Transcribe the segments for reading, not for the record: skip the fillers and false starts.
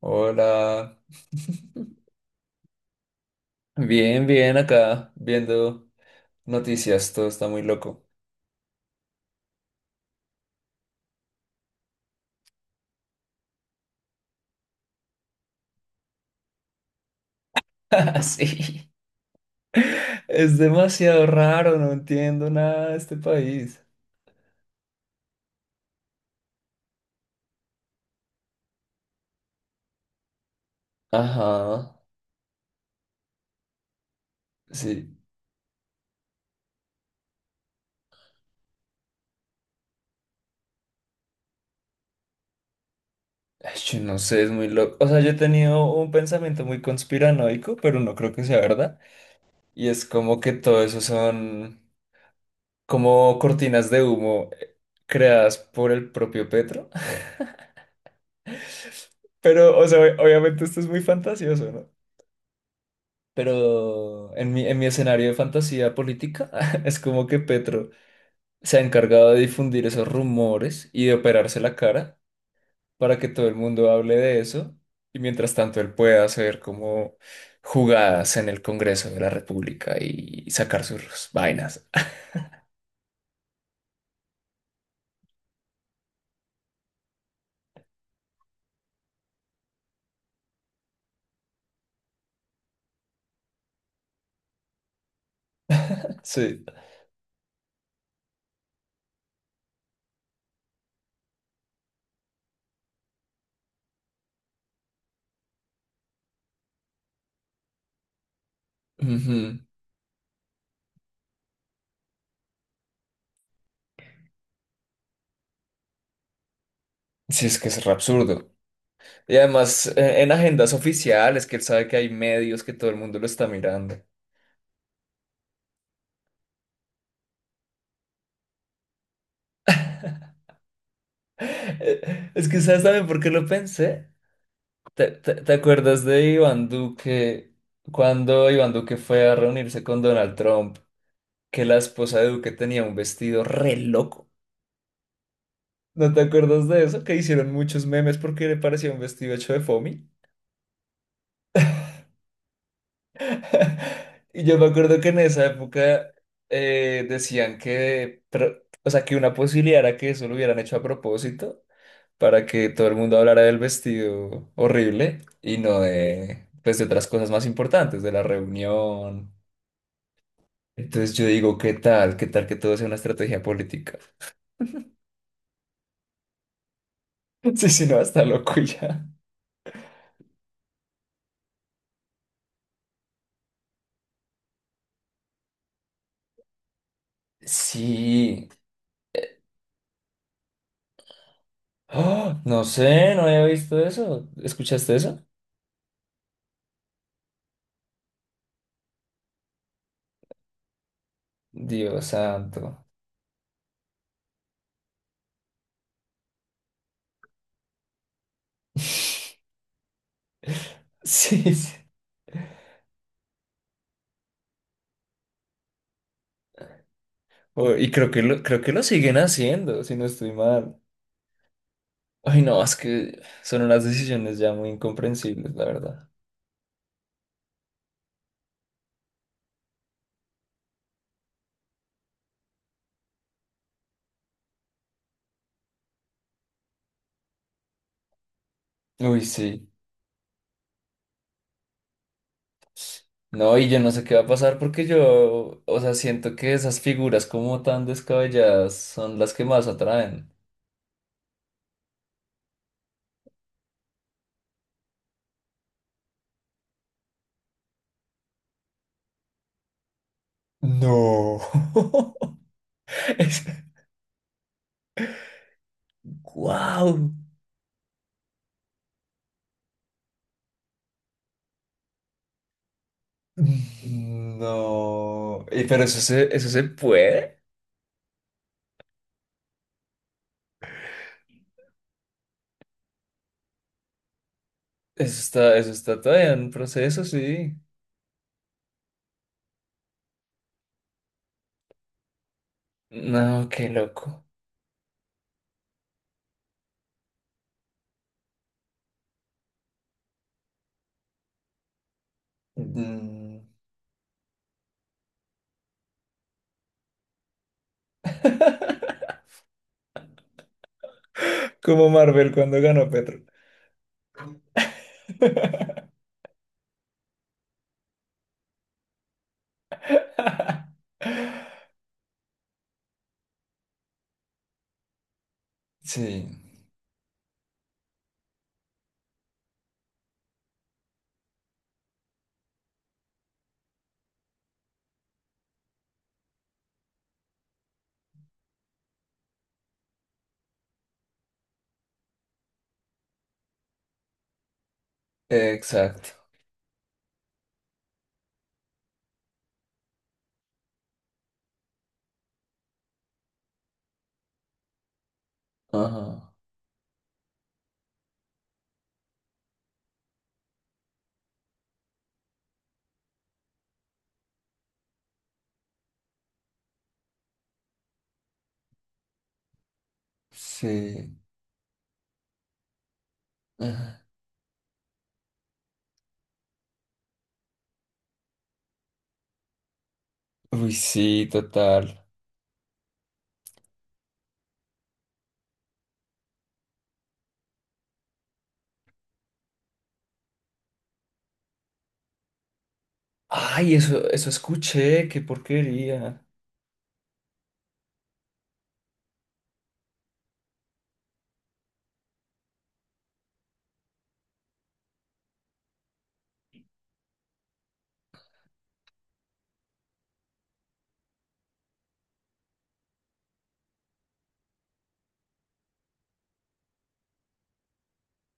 Hola, bien, bien acá, viendo noticias, todo está muy loco. Sí, es demasiado raro, no entiendo nada de este país. Ajá, sí. Ay, yo no sé, es muy loco. O sea, yo he tenido un pensamiento muy conspiranoico, pero no creo que sea verdad. Y es como que todo eso son como cortinas de humo creadas por el propio Petro. Pero, o sea, obviamente esto es muy fantasioso, ¿no? Pero en mi escenario de fantasía política es como que Petro se ha encargado de difundir esos rumores y de operarse la cara para que todo el mundo hable de eso y mientras tanto él pueda hacer como jugadas en el Congreso de la República y sacar sus vainas. Sí. Ujú. Sí, es que es re absurdo. Y además en agendas oficiales, que él sabe que hay medios, que todo el mundo lo está mirando. Es que sabes también por qué lo pensé. ¿ te acuerdas de Iván Duque cuando Iván Duque fue a reunirse con Donald Trump? Que la esposa de Duque tenía un vestido re loco. ¿No te acuerdas de eso? Que hicieron muchos memes porque le parecía un vestido hecho de foamy. Y yo me acuerdo que en esa época decían que, pero, o sea, que una posibilidad era que eso lo hubieran hecho a propósito para que todo el mundo hablara del vestido horrible y no de, pues, de otras cosas más importantes, de la reunión. Entonces yo digo, ¿qué tal? ¿Qué tal que todo sea una estrategia política? Sí, si no, está loco y ya. Sí. ¡Ah! No sé, no había visto eso. ¿Escuchaste eso? Dios santo. Sí, sí. Oh, y creo que lo siguen haciendo, si no estoy mal. Ay, no, es que son unas decisiones ya muy incomprensibles, la verdad. Uy, sí. No, y yo no sé qué va a pasar porque yo, o sea, siento que esas figuras como tan descabelladas son las que más atraen. No. Es- ¡Guau! No. Y, pero eso se puede. Eso está todavía en proceso, sí. No, qué loco. Mm. Como Marvel cuando ganó Petro. Sí, exacto. Ajá. Sí. Ajá. Uy, sí, total. Ay, eso escuché, qué porquería.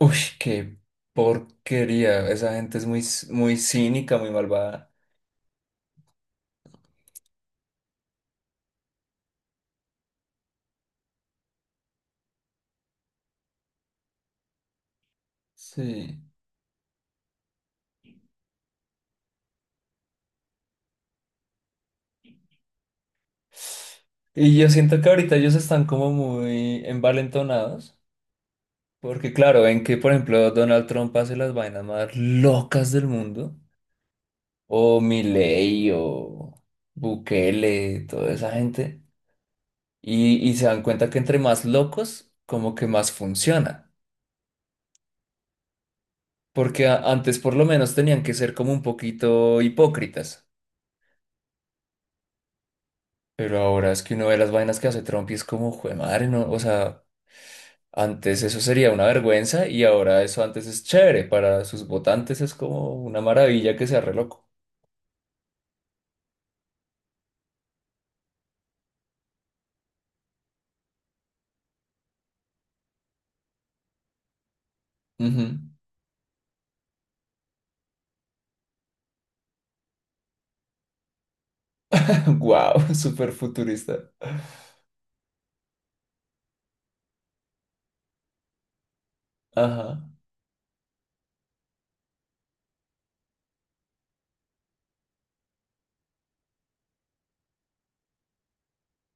Uy, qué porquería. Esa gente es muy, c- muy cínica, muy malvada. Sí. Y yo siento que ahorita ellos están como muy envalentonados. Porque claro, ven que, por ejemplo, Donald Trump hace las vainas más locas del mundo. O Milei, o Bukele, toda esa gente. Y se dan cuenta que entre más locos, como que más funciona. Porque a- antes por lo menos tenían que ser como un poquito hipócritas. Pero ahora es que uno ve las vainas que hace Trump y es como, jue madre, no, o sea, antes eso sería una vergüenza y ahora eso antes es chévere. Para sus votantes es como una maravilla que sea re loco. Wow, súper futurista. Ajá,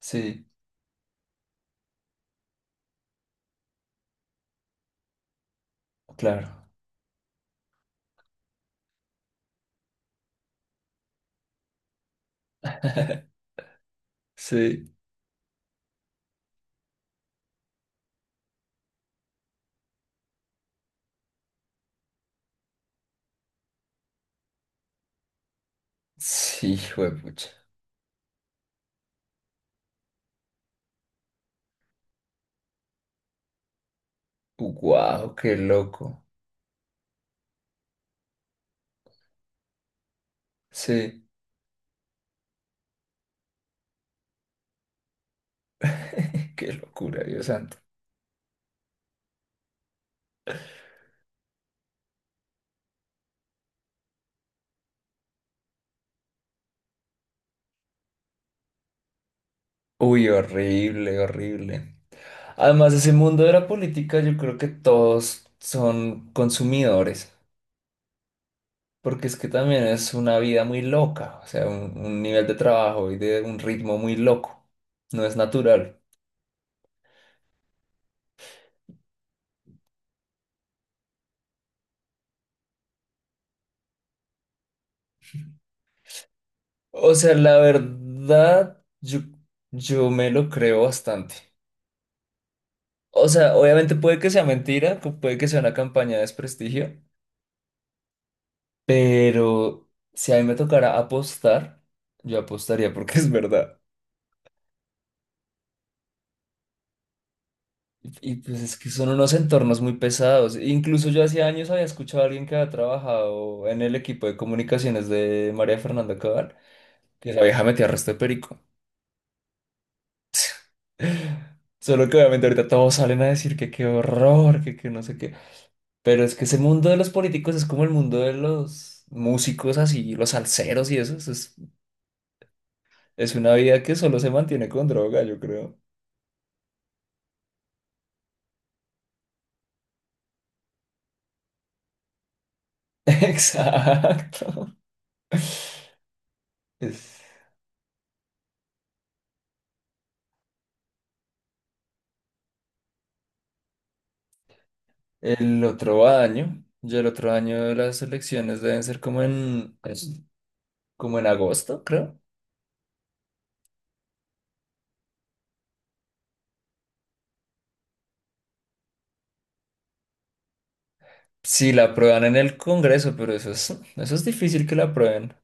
sí, claro. Sí, sí, juepucha. Wow, qué loco. Sí, qué locura, Dios santo. Uy, horrible, horrible. Además, ese mundo de la política, yo creo que todos son consumidores, porque es que también es una vida muy loca, o sea, un nivel de trabajo y de un ritmo muy loco, no es natural. O sea, la verdad, yo me lo creo bastante. O sea, obviamente puede que sea mentira, pu- puede que sea una campaña de desprestigio, pero si a mí me tocara apostar, yo apostaría porque es verdad. Y pues es que son unos entornos muy pesados. Incluso yo hace años había escuchado a alguien que había trabajado en el equipo de comunicaciones de María Fernanda Cabal, que esa vieja metía resto de perico. Solo que obviamente ahorita todos salen a decir que qué horror, que no sé qué. Pero es que ese mundo de los políticos es como el mundo de los músicos así, los salseros y eso. Es una vida que solo se mantiene con droga, yo creo. Exacto. Es- El otro año, ya el otro año las elecciones deben ser como en, es- como en agosto, creo. Sí, la aprueban en el Congreso, pero eso es difícil que la aprueben.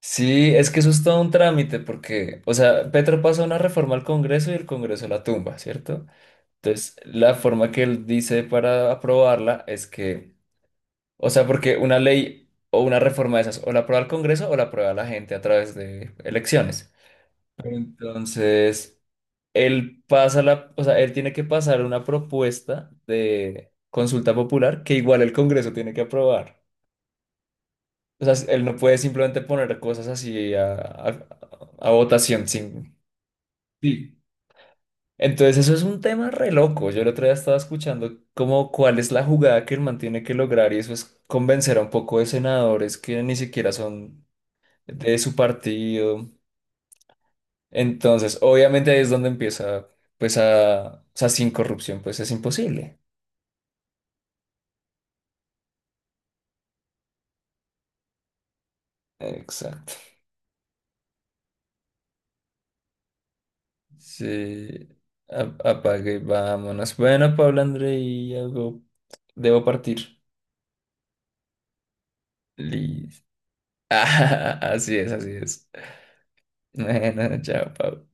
Sí, es que eso es todo un trámite, porque, o sea, Petro pasa una reforma al Congreso y el Congreso la tumba, ¿cierto? Entonces, la forma que él dice para aprobarla es que, o sea, porque una ley o una reforma de esas, o la aprueba el Congreso o la aprueba la gente a través de elecciones. Entonces... Él pasa la, o sea, él tiene que pasar una propuesta de consulta popular que igual el Congreso tiene que aprobar. O sea, él no puede simplemente poner cosas así a votación sin... Sí. Entonces eso es un tema re loco. Yo el otro día estaba escuchando como cuál es la jugada que el man tiene que lograr y eso es convencer a un poco de senadores que ni siquiera son de su partido. Entonces, obviamente ahí es donde empieza, pues a, o sea, sin corrupción, pues es imposible. Exacto. Sí, a- apague, y vámonos. Bueno, Pablo Andrei, algo. Debo partir. Liz. Así es, así es. Bueno, chao, Pablo.